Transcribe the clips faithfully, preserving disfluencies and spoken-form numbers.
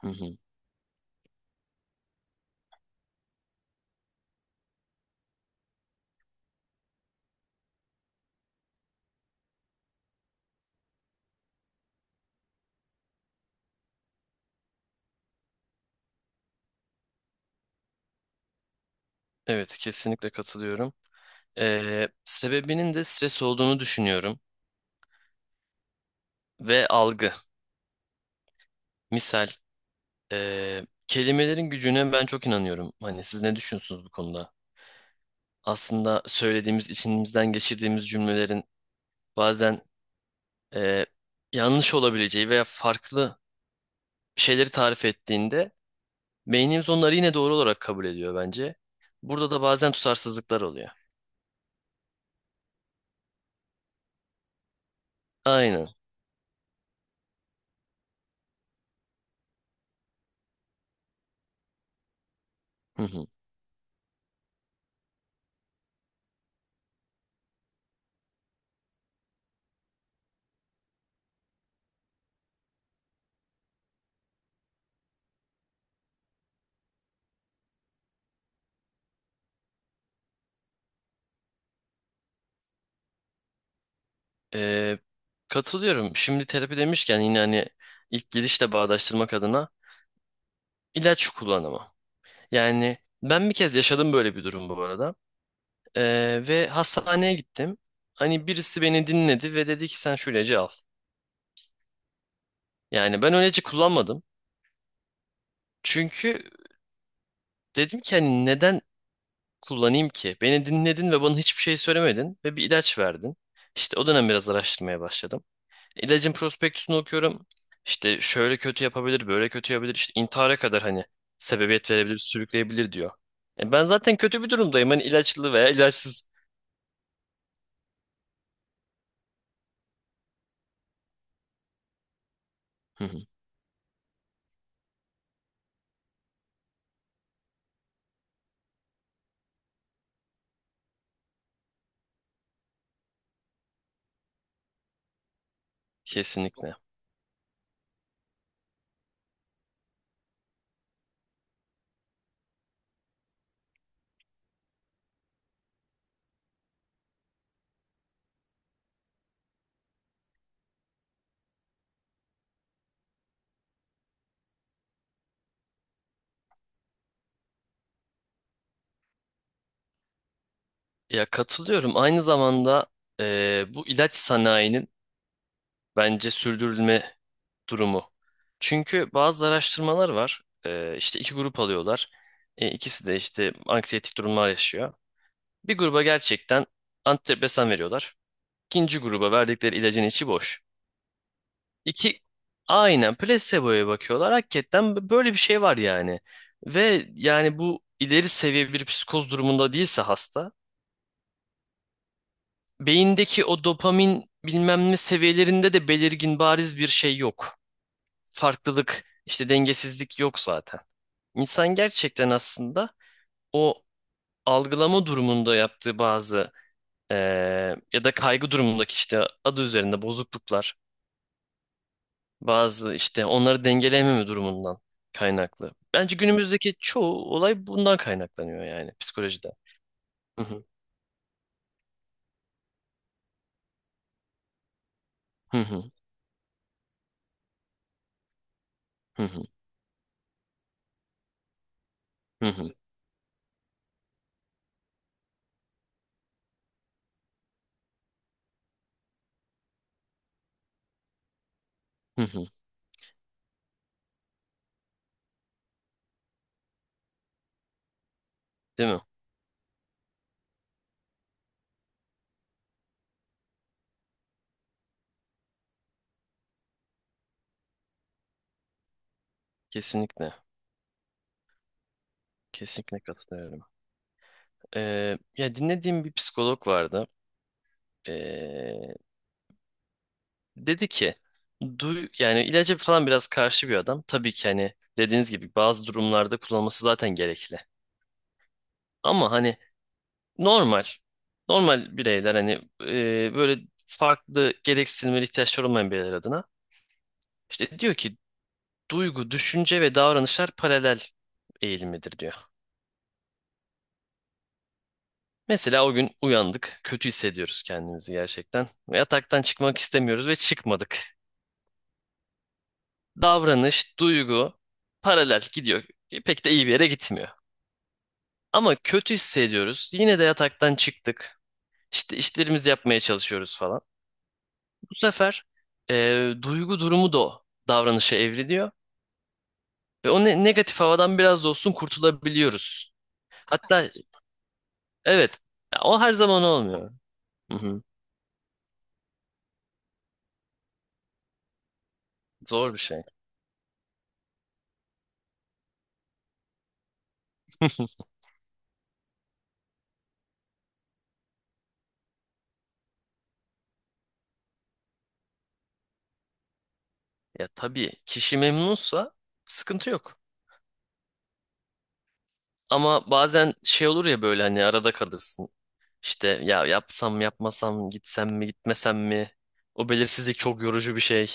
Hı hı. Evet, kesinlikle katılıyorum. Ee, sebebinin de stres olduğunu düşünüyorum ve algı. Misal, ee, kelimelerin gücüne ben çok inanıyorum. Hani siz ne düşünüyorsunuz bu konuda? Aslında söylediğimiz, içimizden geçirdiğimiz cümlelerin bazen ee, yanlış olabileceği veya farklı şeyleri tarif ettiğinde beynimiz onları yine doğru olarak kabul ediyor bence. Burada da bazen tutarsızlıklar oluyor. Aynen. Hı hı. Ee, Katılıyorum. Şimdi terapi demişken yine hani ilk girişle bağdaştırmak adına ilaç kullanımı. Yani ben bir kez yaşadım böyle bir durum bu arada. Ee, ve hastaneye gittim. Hani birisi beni dinledi ve dedi ki sen şu ilacı al. Yani ben o ilacı kullanmadım. Çünkü dedim ki hani neden kullanayım ki? Beni dinledin ve bana hiçbir şey söylemedin ve bir ilaç verdin. İşte o dönem biraz araştırmaya başladım. İlacın prospektüsünü okuyorum. İşte şöyle kötü yapabilir, böyle kötü yapabilir. İşte intihara kadar hani sebebiyet verebilir, sürükleyebilir diyor. E ben zaten kötü bir durumdayım. Hani ilaçlı veya ilaçsız. Hı hı. Kesinlikle. Ya katılıyorum. Aynı zamanda e, bu ilaç sanayinin bence sürdürülme durumu. Çünkü bazı araştırmalar var. E, işte iki grup alıyorlar. E, ikisi de işte anksiyetik durumlar yaşıyor. Bir gruba gerçekten antidepresan veriyorlar. İkinci gruba verdikleri ilacın içi boş. İki aynen placebo'ya bakıyorlar. Hakikaten b- böyle bir şey var yani. Ve yani bu ileri seviye bir psikoz durumunda değilse hasta, beyindeki o dopamin bilmem ne seviyelerinde de belirgin bariz bir şey yok. Farklılık, işte dengesizlik yok zaten. İnsan gerçekten aslında o algılama durumunda yaptığı bazı eee, ya da kaygı durumundaki işte adı üzerinde bozukluklar, bazı işte onları dengeleyememe durumundan kaynaklı. Bence günümüzdeki çoğu olay bundan kaynaklanıyor yani psikolojide. Hı hı, hı hı, hı hı, hı hı, hı hı. Değil mi? Kesinlikle. Kesinlikle katılıyorum. Ee, ya dinlediğim bir psikolog vardı. Ee, Dedi ki duy yani ilaca falan biraz karşı bir adam. Tabii ki hani dediğiniz gibi bazı durumlarda kullanılması zaten gerekli. Ama hani normal. Normal bireyler hani e, böyle farklı gereksinimleri ihtiyaçları olmayan bireyler adına. İşte diyor ki duygu, düşünce ve davranışlar paralel eğilimidir diyor. Mesela o gün uyandık, kötü hissediyoruz kendimizi gerçekten. Ve yataktan çıkmak istemiyoruz ve çıkmadık. Davranış, duygu paralel gidiyor. E, Pek de iyi bir yere gitmiyor. Ama kötü hissediyoruz. Yine de yataktan çıktık. İşte işlerimizi yapmaya çalışıyoruz falan. Bu sefer e, duygu durumu da o davranışa evriliyor ve o ne- negatif havadan biraz da olsun kurtulabiliyoruz. Hatta evet, ya o her zaman olmuyor. Hı hı. Zor bir şey. Ya tabii kişi memnunsa sıkıntı yok. Ama bazen şey olur ya böyle hani arada kalırsın. İşte ya yapsam mı, yapmasam mı, gitsem mi gitmesem mi? O belirsizlik çok yorucu bir şey.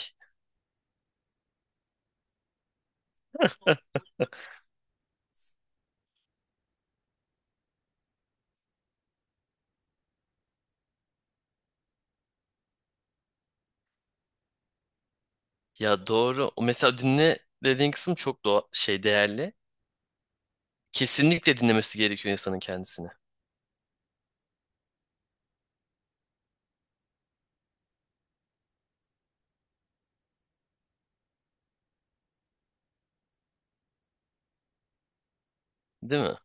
Ya doğru. O mesela dinle dediğin kısım çok doğa şey değerli. Kesinlikle dinlemesi gerekiyor insanın kendisini. Değil mi?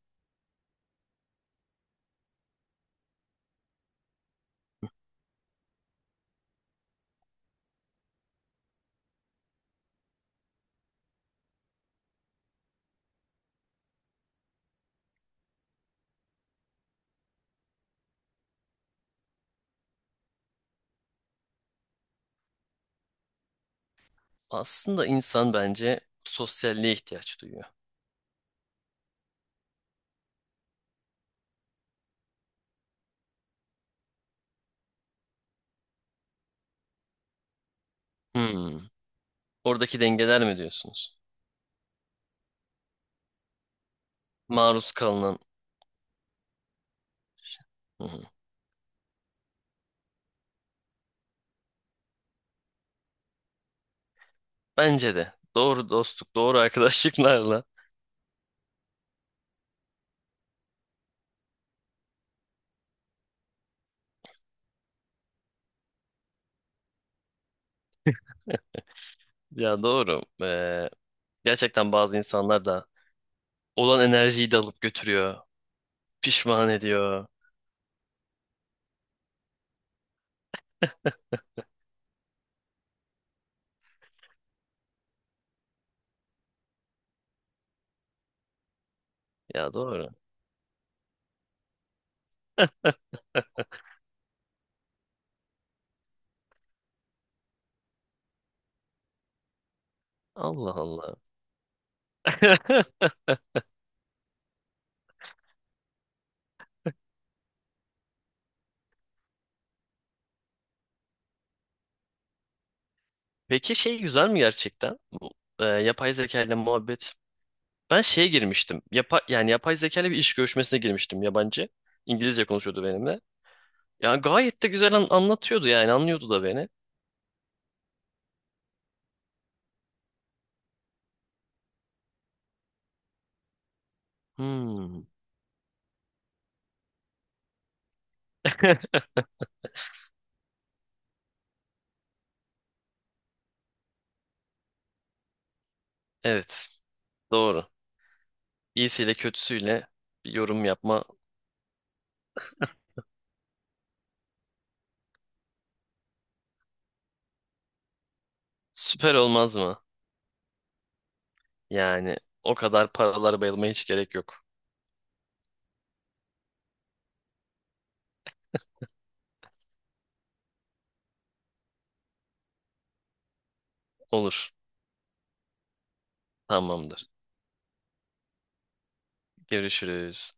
Aslında insan bence sosyalliğe ihtiyaç duyuyor. Hmm. Oradaki dengeler mi diyorsunuz? Maruz kalınan şey. Hı hı. Bence de. Doğru dostluk, doğru arkadaşlıklarla. Ya doğru. Ee, gerçekten bazı insanlar da olan enerjiyi de alıp götürüyor. Pişman ediyor. Ya doğru. Allah Allah. Peki şey güzel mi gerçekten? Bu, e, yapay zeka ile muhabbet. Ben şeye girmiştim. Yapa, yani yapay zeka ile bir iş görüşmesine girmiştim yabancı. İngilizce konuşuyordu benimle. Yani gayet de güzel an- anlatıyordu yani anlıyordu da beni. Hmm. Evet. Doğru. İyisiyle kötüsüyle bir yorum yapma süper olmaz mı? Yani o kadar paralar bayılmaya hiç gerek yok. Olur. Tamamdır. Görüşürüz.